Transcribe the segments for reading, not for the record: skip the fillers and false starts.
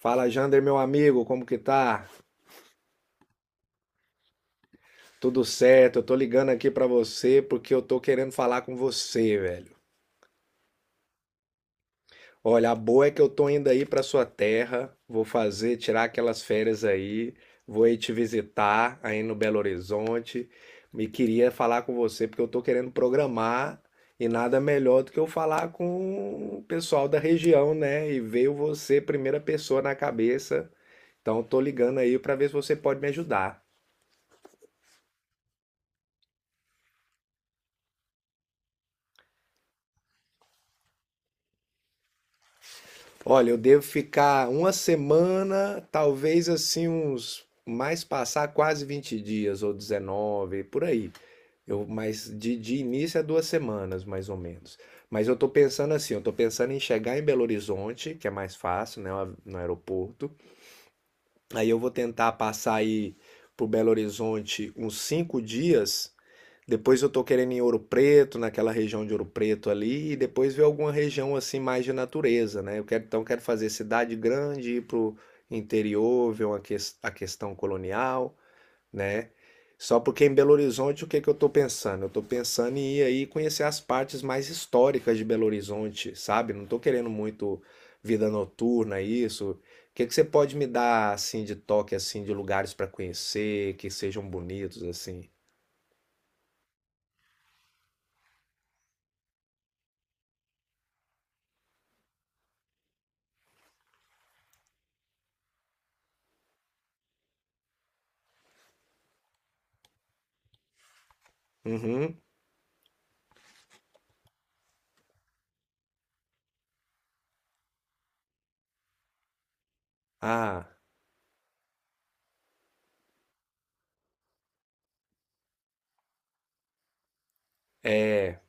Fala, Jander, meu amigo, como que tá? Tudo certo? Eu tô ligando aqui pra você porque eu tô querendo falar com você, velho. Olha, a boa é que eu tô indo aí pra sua terra, vou fazer, tirar aquelas férias aí, vou aí te visitar aí no Belo Horizonte. Me queria falar com você porque eu tô querendo programar e nada melhor do que eu falar com o pessoal da região, né? E veio você, primeira pessoa na cabeça. Então, eu tô ligando aí pra ver se você pode me ajudar. Olha, eu devo ficar uma semana, talvez assim uns mais passar quase 20 dias ou 19 por aí. Mas de início é 2 semanas, mais ou menos. Mas eu tô pensando assim, eu tô pensando em chegar em Belo Horizonte, que é mais fácil, né, no aeroporto. Aí eu vou tentar passar aí por Belo Horizonte uns 5 dias, depois eu tô querendo ir em Ouro Preto, naquela região de Ouro Preto ali, e depois ver alguma região assim mais de natureza, né? Eu quero, então quero fazer cidade grande, ir pro interior, ver a questão colonial, né? Só porque em Belo Horizonte o que que eu tô pensando? Eu tô pensando em ir aí conhecer as partes mais históricas de Belo Horizonte, sabe? Não tô querendo muito vida noturna, isso. O que que você pode me dar assim de toque assim de lugares para conhecer, que sejam bonitos assim? Uhum. Ah. É,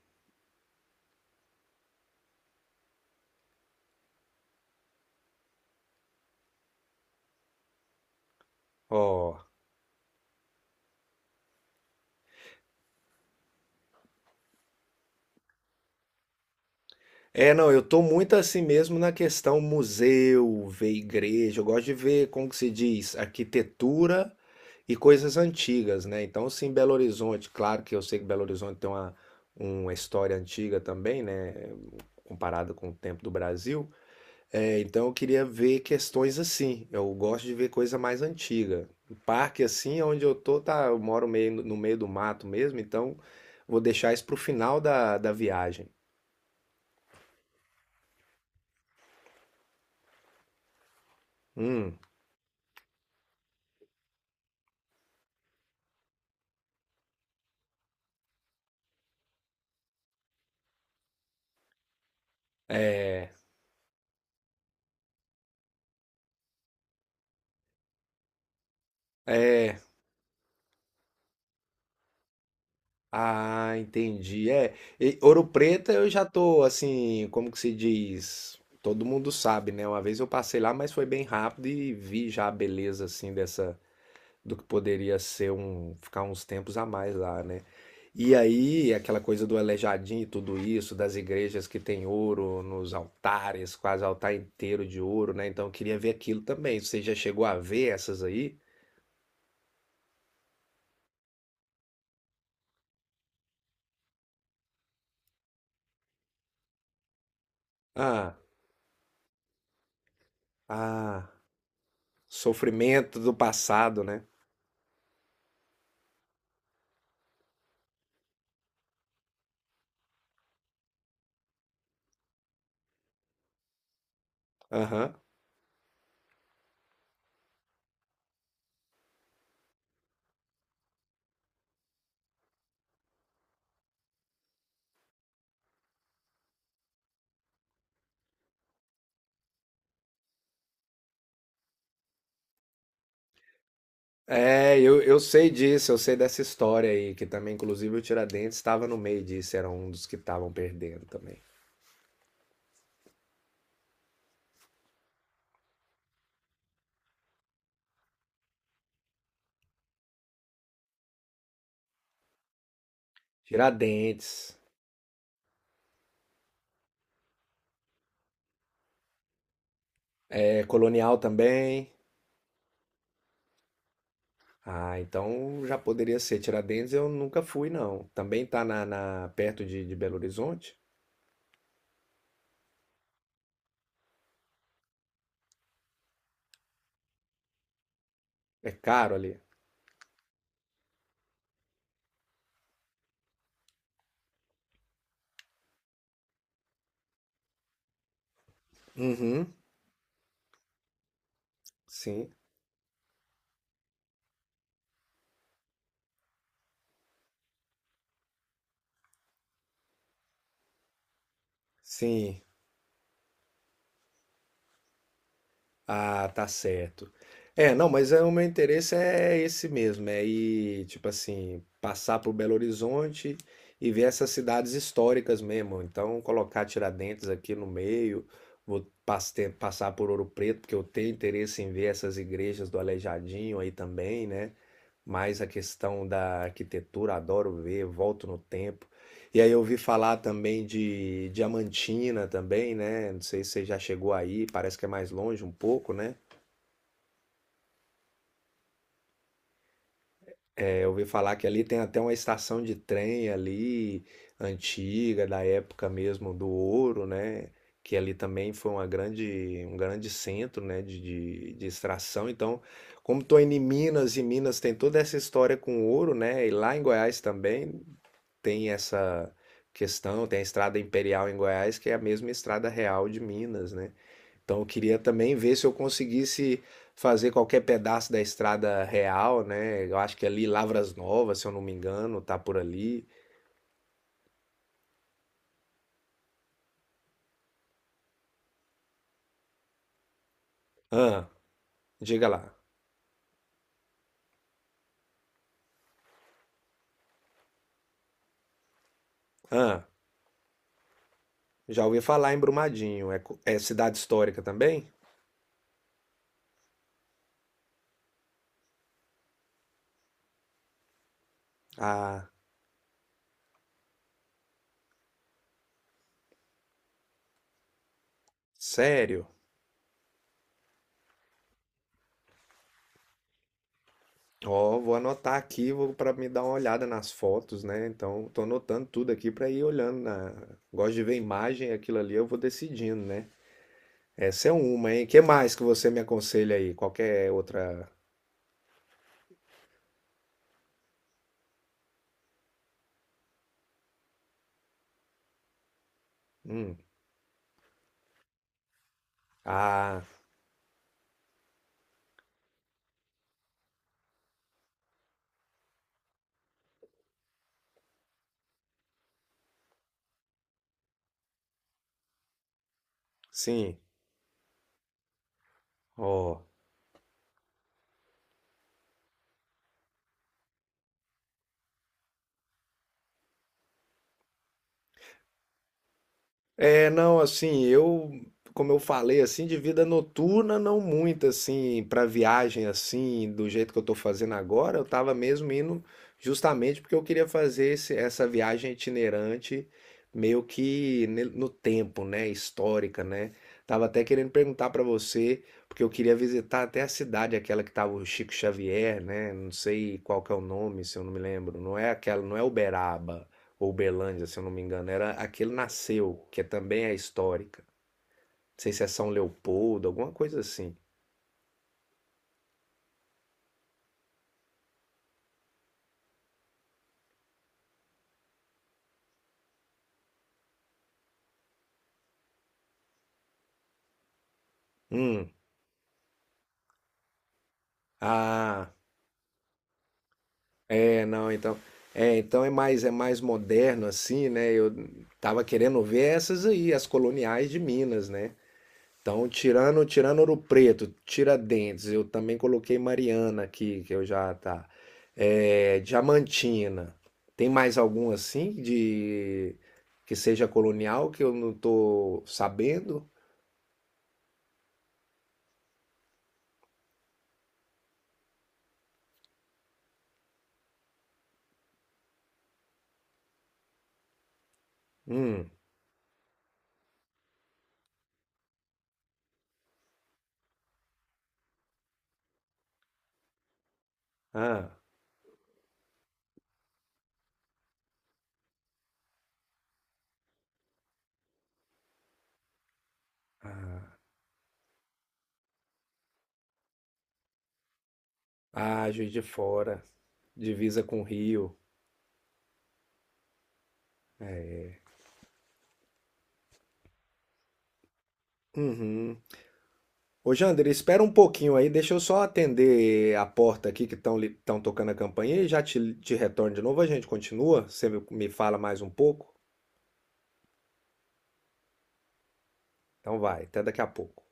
ó. É, não, eu tô muito assim mesmo na questão museu, ver igreja. Eu gosto de ver, como que se diz, arquitetura e coisas antigas, né? Então, sim, Belo Horizonte, claro que eu sei que Belo Horizonte tem uma história antiga também, né? Comparado com o tempo do Brasil. É, então, eu queria ver questões assim. Eu gosto de ver coisa mais antiga. O parque, assim, onde eu tô, tá, eu moro meio, no meio do mato mesmo, então vou deixar isso pro final da viagem. Hum, é, é. Ah, entendi. É, e Ouro Preto eu já tô assim, como que se diz? Todo mundo sabe, né? Uma vez eu passei lá, mas foi bem rápido e vi já a beleza assim dessa, do que poderia ser um ficar uns tempos a mais lá, né? E aí, aquela coisa do Aleijadinho e tudo isso, das igrejas que tem ouro nos altares, quase altar inteiro de ouro, né? Então eu queria ver aquilo também. Você já chegou a ver essas aí? Ah, ah. Sofrimento do passado, né? Aham. É, eu sei disso, eu sei dessa história aí, que também, inclusive, o Tiradentes estava no meio disso, era um dos que estavam perdendo também. Tiradentes, é, colonial também. Ah, então já poderia ser. Tiradentes eu nunca fui, não. Também tá perto de Belo Horizonte? É caro ali. Uhum, sim, sim. Ah, tá certo. É, não, mas é, o meu interesse é esse mesmo, é ir, tipo assim, passar por Belo Horizonte e ver essas cidades históricas mesmo. Então, colocar Tiradentes aqui no meio, passar por Ouro Preto, porque eu tenho interesse em ver essas igrejas do Aleijadinho aí também, né? Mais a questão da arquitetura, adoro ver, volto no tempo. E aí eu ouvi falar também de Diamantina também, né? Não sei se você já chegou aí, parece que é mais longe um pouco, né? É, eu ouvi falar que ali tem até uma estação de trem ali, antiga, da época mesmo do ouro, né? Que ali também foi uma grande, um grande centro, né? De extração. Então, como estou indo em Minas e Minas tem toda essa história com ouro, né? E lá em Goiás também, tem essa questão, tem a Estrada Imperial em Goiás, que é a mesma Estrada Real de Minas, né? Então eu queria também ver se eu conseguisse fazer qualquer pedaço da Estrada Real, né? Eu acho que é ali Lavras Novas, se eu não me engano, tá por ali. Ah, diga lá. Ah, já ouvi falar em Brumadinho. É, é cidade histórica também? Ah, sério? Ó, vou anotar aqui, vou para me dar uma olhada nas fotos, né? Então, tô anotando tudo aqui para ir olhando na... Gosto de ver imagem, aquilo ali eu vou decidindo, né? Essa é uma, hein? Que mais que você me aconselha aí? Qualquer outra? Hum. Ah, sim. Ó. É, não, assim, eu, como eu falei, assim, de vida noturna, não muito, assim, para viagem, assim, do jeito que eu tô fazendo agora, eu tava mesmo indo justamente porque eu queria fazer essa viagem itinerante meio que no tempo, né, histórica, né? Tava até querendo perguntar para você, porque eu queria visitar até a cidade, aquela que tava o Chico Xavier, né? Não sei qual que é o nome, se eu não me lembro. Não é aquela, não é Uberaba ou Belândia, se eu não me engano, era aquele nasceu, que também é histórica. Não sei se é São Leopoldo, alguma coisa assim. Hum. Ah, é, não, então. É, então é mais, é mais moderno assim, né? Eu tava querendo ver essas aí, as coloniais de Minas, né? Então, tirando Ouro Preto, Tiradentes, eu também coloquei Mariana aqui, que eu já tá. É, Diamantina. Tem mais algum assim de que seja colonial que eu não tô sabendo? Hum. Ah, ah, Juiz de Fora, divisa com o Rio. Uhum. Ô, Jander, espera um pouquinho aí, deixa eu só atender a porta aqui que estão tocando a campainha e já te, te retorno de novo. A gente continua? Você me fala mais um pouco? Então vai, até daqui a pouco.